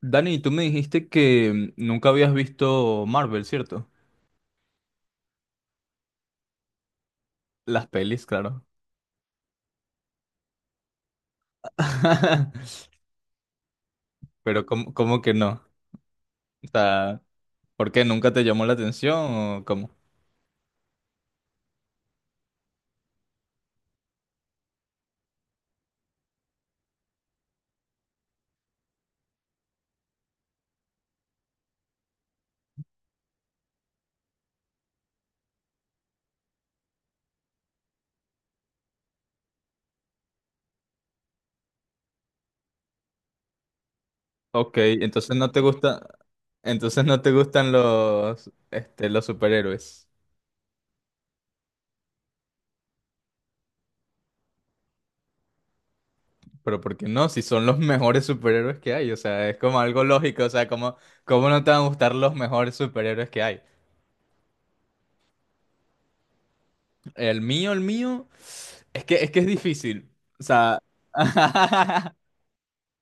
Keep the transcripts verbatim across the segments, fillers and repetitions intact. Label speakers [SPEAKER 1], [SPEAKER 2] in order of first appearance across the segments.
[SPEAKER 1] Dani, tú me dijiste que nunca habías visto Marvel, ¿cierto? Las pelis, claro. Pero ¿cómo, cómo que no? O sea, ¿por qué nunca te llamó la atención o cómo? Ok, entonces no te gusta, entonces no te gustan los, este, los superhéroes. Pero ¿por qué no? Si son los mejores superhéroes que hay, o sea, es como algo lógico, o sea, ¿cómo, cómo no te van a gustar los mejores superhéroes que hay? El mío, el mío, es que es que es difícil. O sea,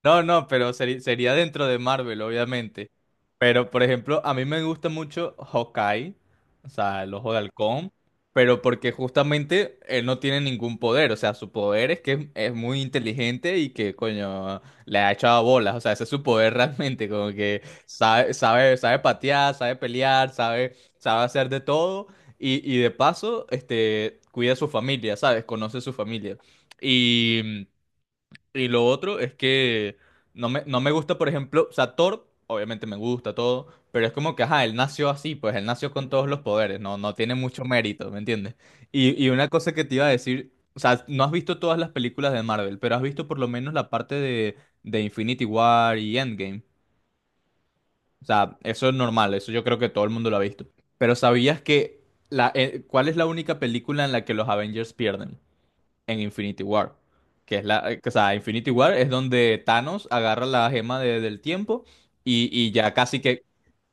[SPEAKER 1] No, no, pero seri- sería dentro de Marvel, obviamente. Pero, por ejemplo, a mí me gusta mucho Hawkeye, o sea, el ojo de halcón, pero porque justamente él no tiene ningún poder, o sea, su poder es que es, es muy inteligente y que, coño, le ha echado bolas, o sea, ese es su poder realmente, como que sabe, sabe, sabe patear, sabe pelear, sabe, sabe hacer de todo y, y de paso, este, cuida a su familia, ¿sabes? Conoce a su familia. Y lo otro es que no me, no me gusta, por ejemplo, o sea, Thor, obviamente me gusta todo, pero es como que, ajá, él nació así, pues él nació con todos los poderes, no, no tiene mucho mérito, ¿me entiendes? Y, y una cosa que te iba a decir, o sea, no has visto todas las películas de Marvel, pero has visto por lo menos la parte de, de Infinity War y Endgame. O sea, eso es normal, eso yo creo que todo el mundo lo ha visto. Pero ¿sabías que la, eh, cuál es la única película en la que los Avengers pierden? En Infinity War. Que es la, o sea, Infinity War es donde Thanos agarra la gema de- del tiempo y, y ya casi que,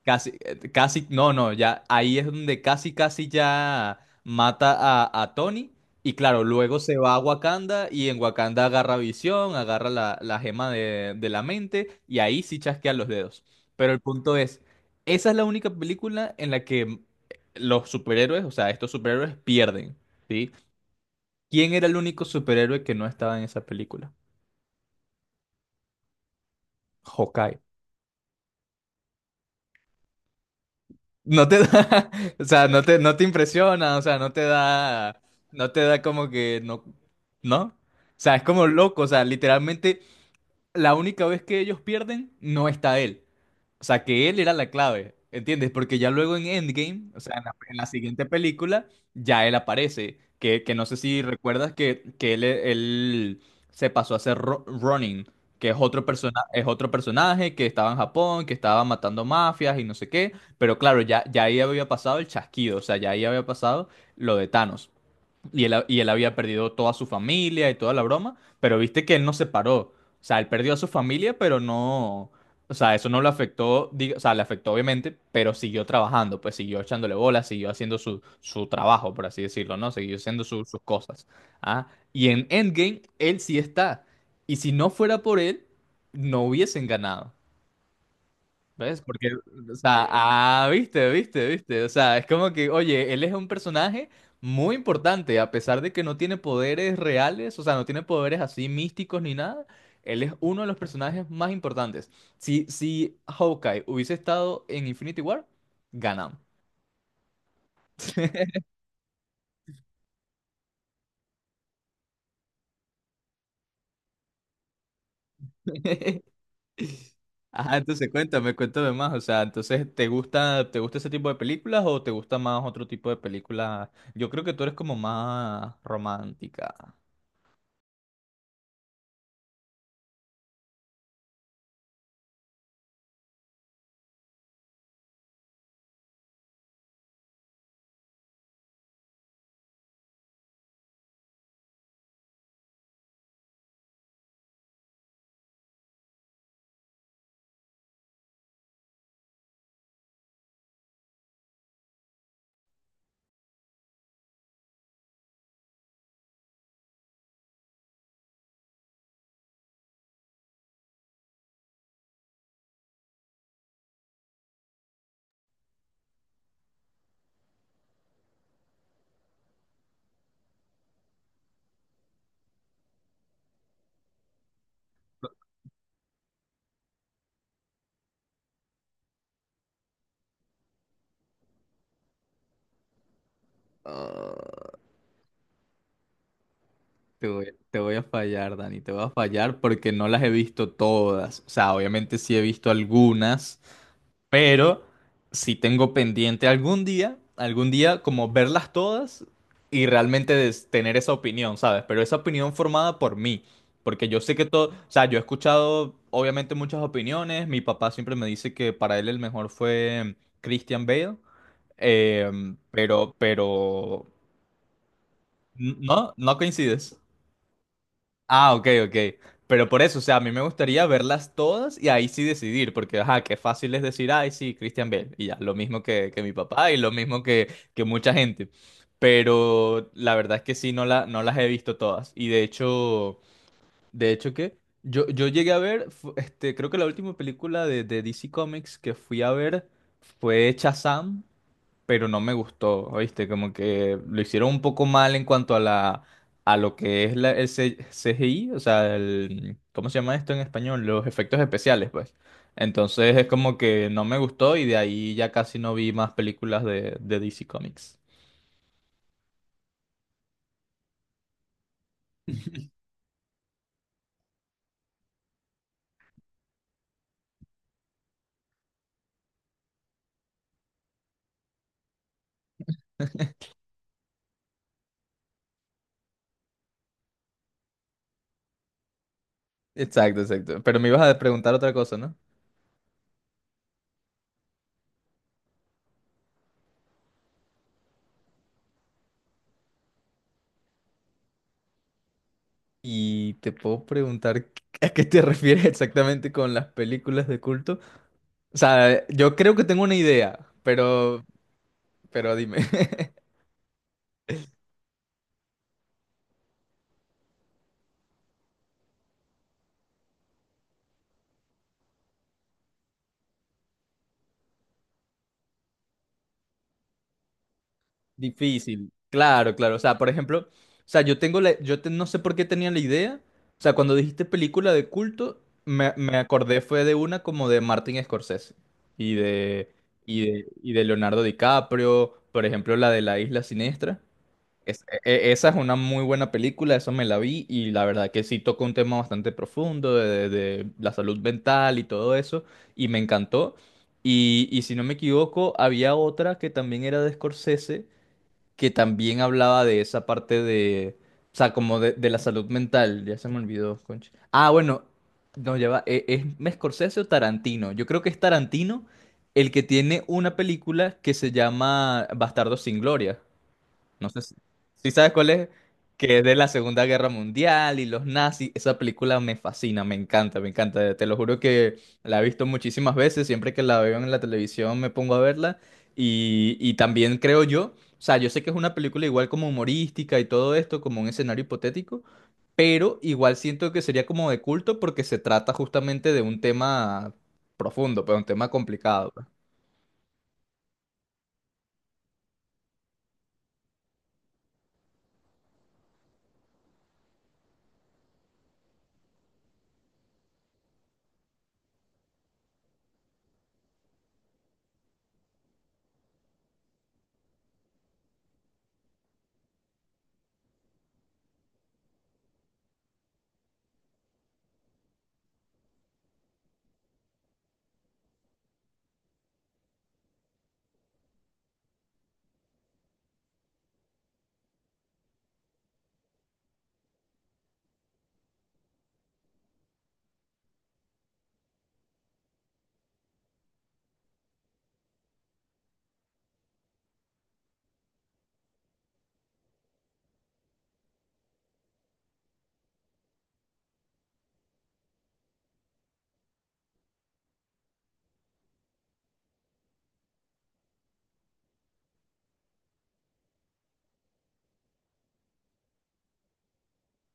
[SPEAKER 1] casi, eh, casi, no, no, ya ahí es donde casi, casi ya mata a, a Tony. Y claro, luego se va a Wakanda y en Wakanda agarra visión, agarra la, la gema de, de la mente y ahí sí chasquean los dedos. Pero el punto es, esa es la única película en la que los superhéroes, o sea, estos superhéroes pierden. ¿Sí? ¿Quién era el único superhéroe que no estaba en esa película? Hawkeye. No te da, o sea, no te, no te impresiona, o sea, no te da, no te da como que no, ¿no? O sea, es como loco, o sea, literalmente la única vez que ellos pierden no está él. O sea, que él era la clave, ¿entiendes? Porque ya luego en Endgame, o sea, en la, en la siguiente película, ya él aparece. Que, que no sé si recuerdas que, que él, él se pasó a ser Ro- Ronin, que es otro, persona, es otro personaje que estaba en Japón, que estaba matando mafias y no sé qué. Pero claro, ya, ya ahí había pasado el chasquido, o sea, ya ahí había pasado lo de Thanos. Y él, ha- y él había perdido toda su familia y toda la broma, pero viste que él no se paró. O sea, él perdió a su familia, pero no. O sea, eso no lo afectó, diga- o sea, le afectó obviamente, pero siguió trabajando, pues siguió echándole bolas, siguió haciendo su, su trabajo, por así decirlo, ¿no? Siguió haciendo su- sus cosas. ¿Ah? Y en Endgame, él sí está. Y si no fuera por él, no hubiesen ganado. ¿Ves? Porque, o sea, ah, viste, viste, viste. O sea, es como que, oye, él es un personaje muy importante, a pesar de que no tiene poderes reales, o sea, no tiene poderes así místicos ni nada. Él es uno de los personajes más importantes. Si, si Hawkeye hubiese estado en Infinity War, ganamos. Ajá, entonces cuéntame, cuéntame más. O sea, entonces, ¿te gusta, te gusta ese tipo de películas o te gusta más otro tipo de películas? Yo creo que tú eres como más romántica. Ah, te voy, te voy a fallar, Dani, te voy a fallar porque no las he visto todas. O sea, obviamente sí he visto algunas, pero sí tengo pendiente algún día, algún día como verlas todas y realmente des- tener esa opinión, ¿sabes? Pero esa opinión formada por mí, porque yo sé que todo, o sea, yo he escuchado obviamente muchas opiniones, mi papá siempre me dice que para él el mejor fue Christian Bale, em, pero, pero, n- no, no coincides. Ah, ok, ok. Pero por eso, o sea, a mí me gustaría verlas todas y ahí sí decidir, porque, ajá, qué fácil es decir, ay, sí, Christian Bale, y ya, lo mismo que, que mi papá y lo mismo que, que mucha gente. Pero la verdad es que sí, no, la, no las he visto todas. Y de hecho, de hecho, ¿qué? Yo, yo llegué a ver, fu- este, creo que la última película de, de D C Comics que fui a ver fue Shazam, pero no me gustó, ¿viste? Como que lo hicieron un poco mal en cuanto a la a lo que es la, el C- CGI, o sea, el, ¿cómo se llama esto en español? Los efectos especiales, pues. Entonces es como que no me gustó y de ahí ya casi no vi más películas de, de D C Comics. Exacto, exacto. Pero me ibas a preguntar otra cosa, ¿no? Y te puedo preguntar a qué te refieres exactamente con las películas de culto. O sea, yo creo que tengo una idea, pero, pero dime. Difícil, claro, claro. O sea, por ejemplo, o sea, yo tengo la, yo te- no sé por qué tenía la idea. O sea, cuando dijiste película de culto, me, me acordé fue de una como de Martin Scorsese y de, y de, y de Leonardo DiCaprio, por ejemplo, la de La Isla Siniestra. Es- e- e, esa es una muy buena película, eso me la vi y la verdad que sí toca un tema bastante profundo de, de- de la salud mental y todo eso y me encantó. Y, y si no me equivoco, había otra que también era de Scorsese que también hablaba de esa parte de, o sea, como de, de la salud mental. Ya se me olvidó, concha. Ah, bueno, no, ya va. ¿e- Es, Scorsese o Tarantino? Yo creo que es Tarantino el que tiene una película que se llama Bastardos sin Gloria. No sé si, si sabes cuál es, que es de la Segunda Guerra Mundial y los nazis. Esa película me fascina, me encanta, me encanta. Te lo juro que la he visto muchísimas veces. Siempre que la veo en la televisión me pongo a verla. Y, y también creo yo, o sea, yo sé que es una película igual como humorística y todo esto, como un escenario hipotético, pero igual siento que sería como de culto porque se trata justamente de un tema profundo, pero un tema complicado, pues.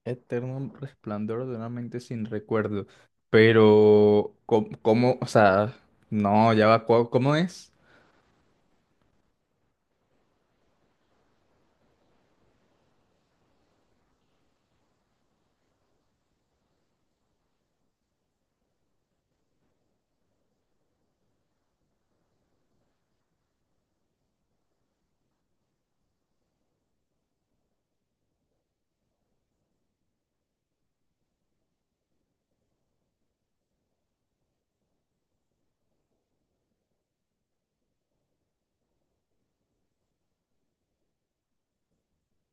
[SPEAKER 1] Eterno resplandor de una mente sin recuerdo. Pero, ¿cómo, cómo- o sea, no, ya va, ¿cómo, cómo es?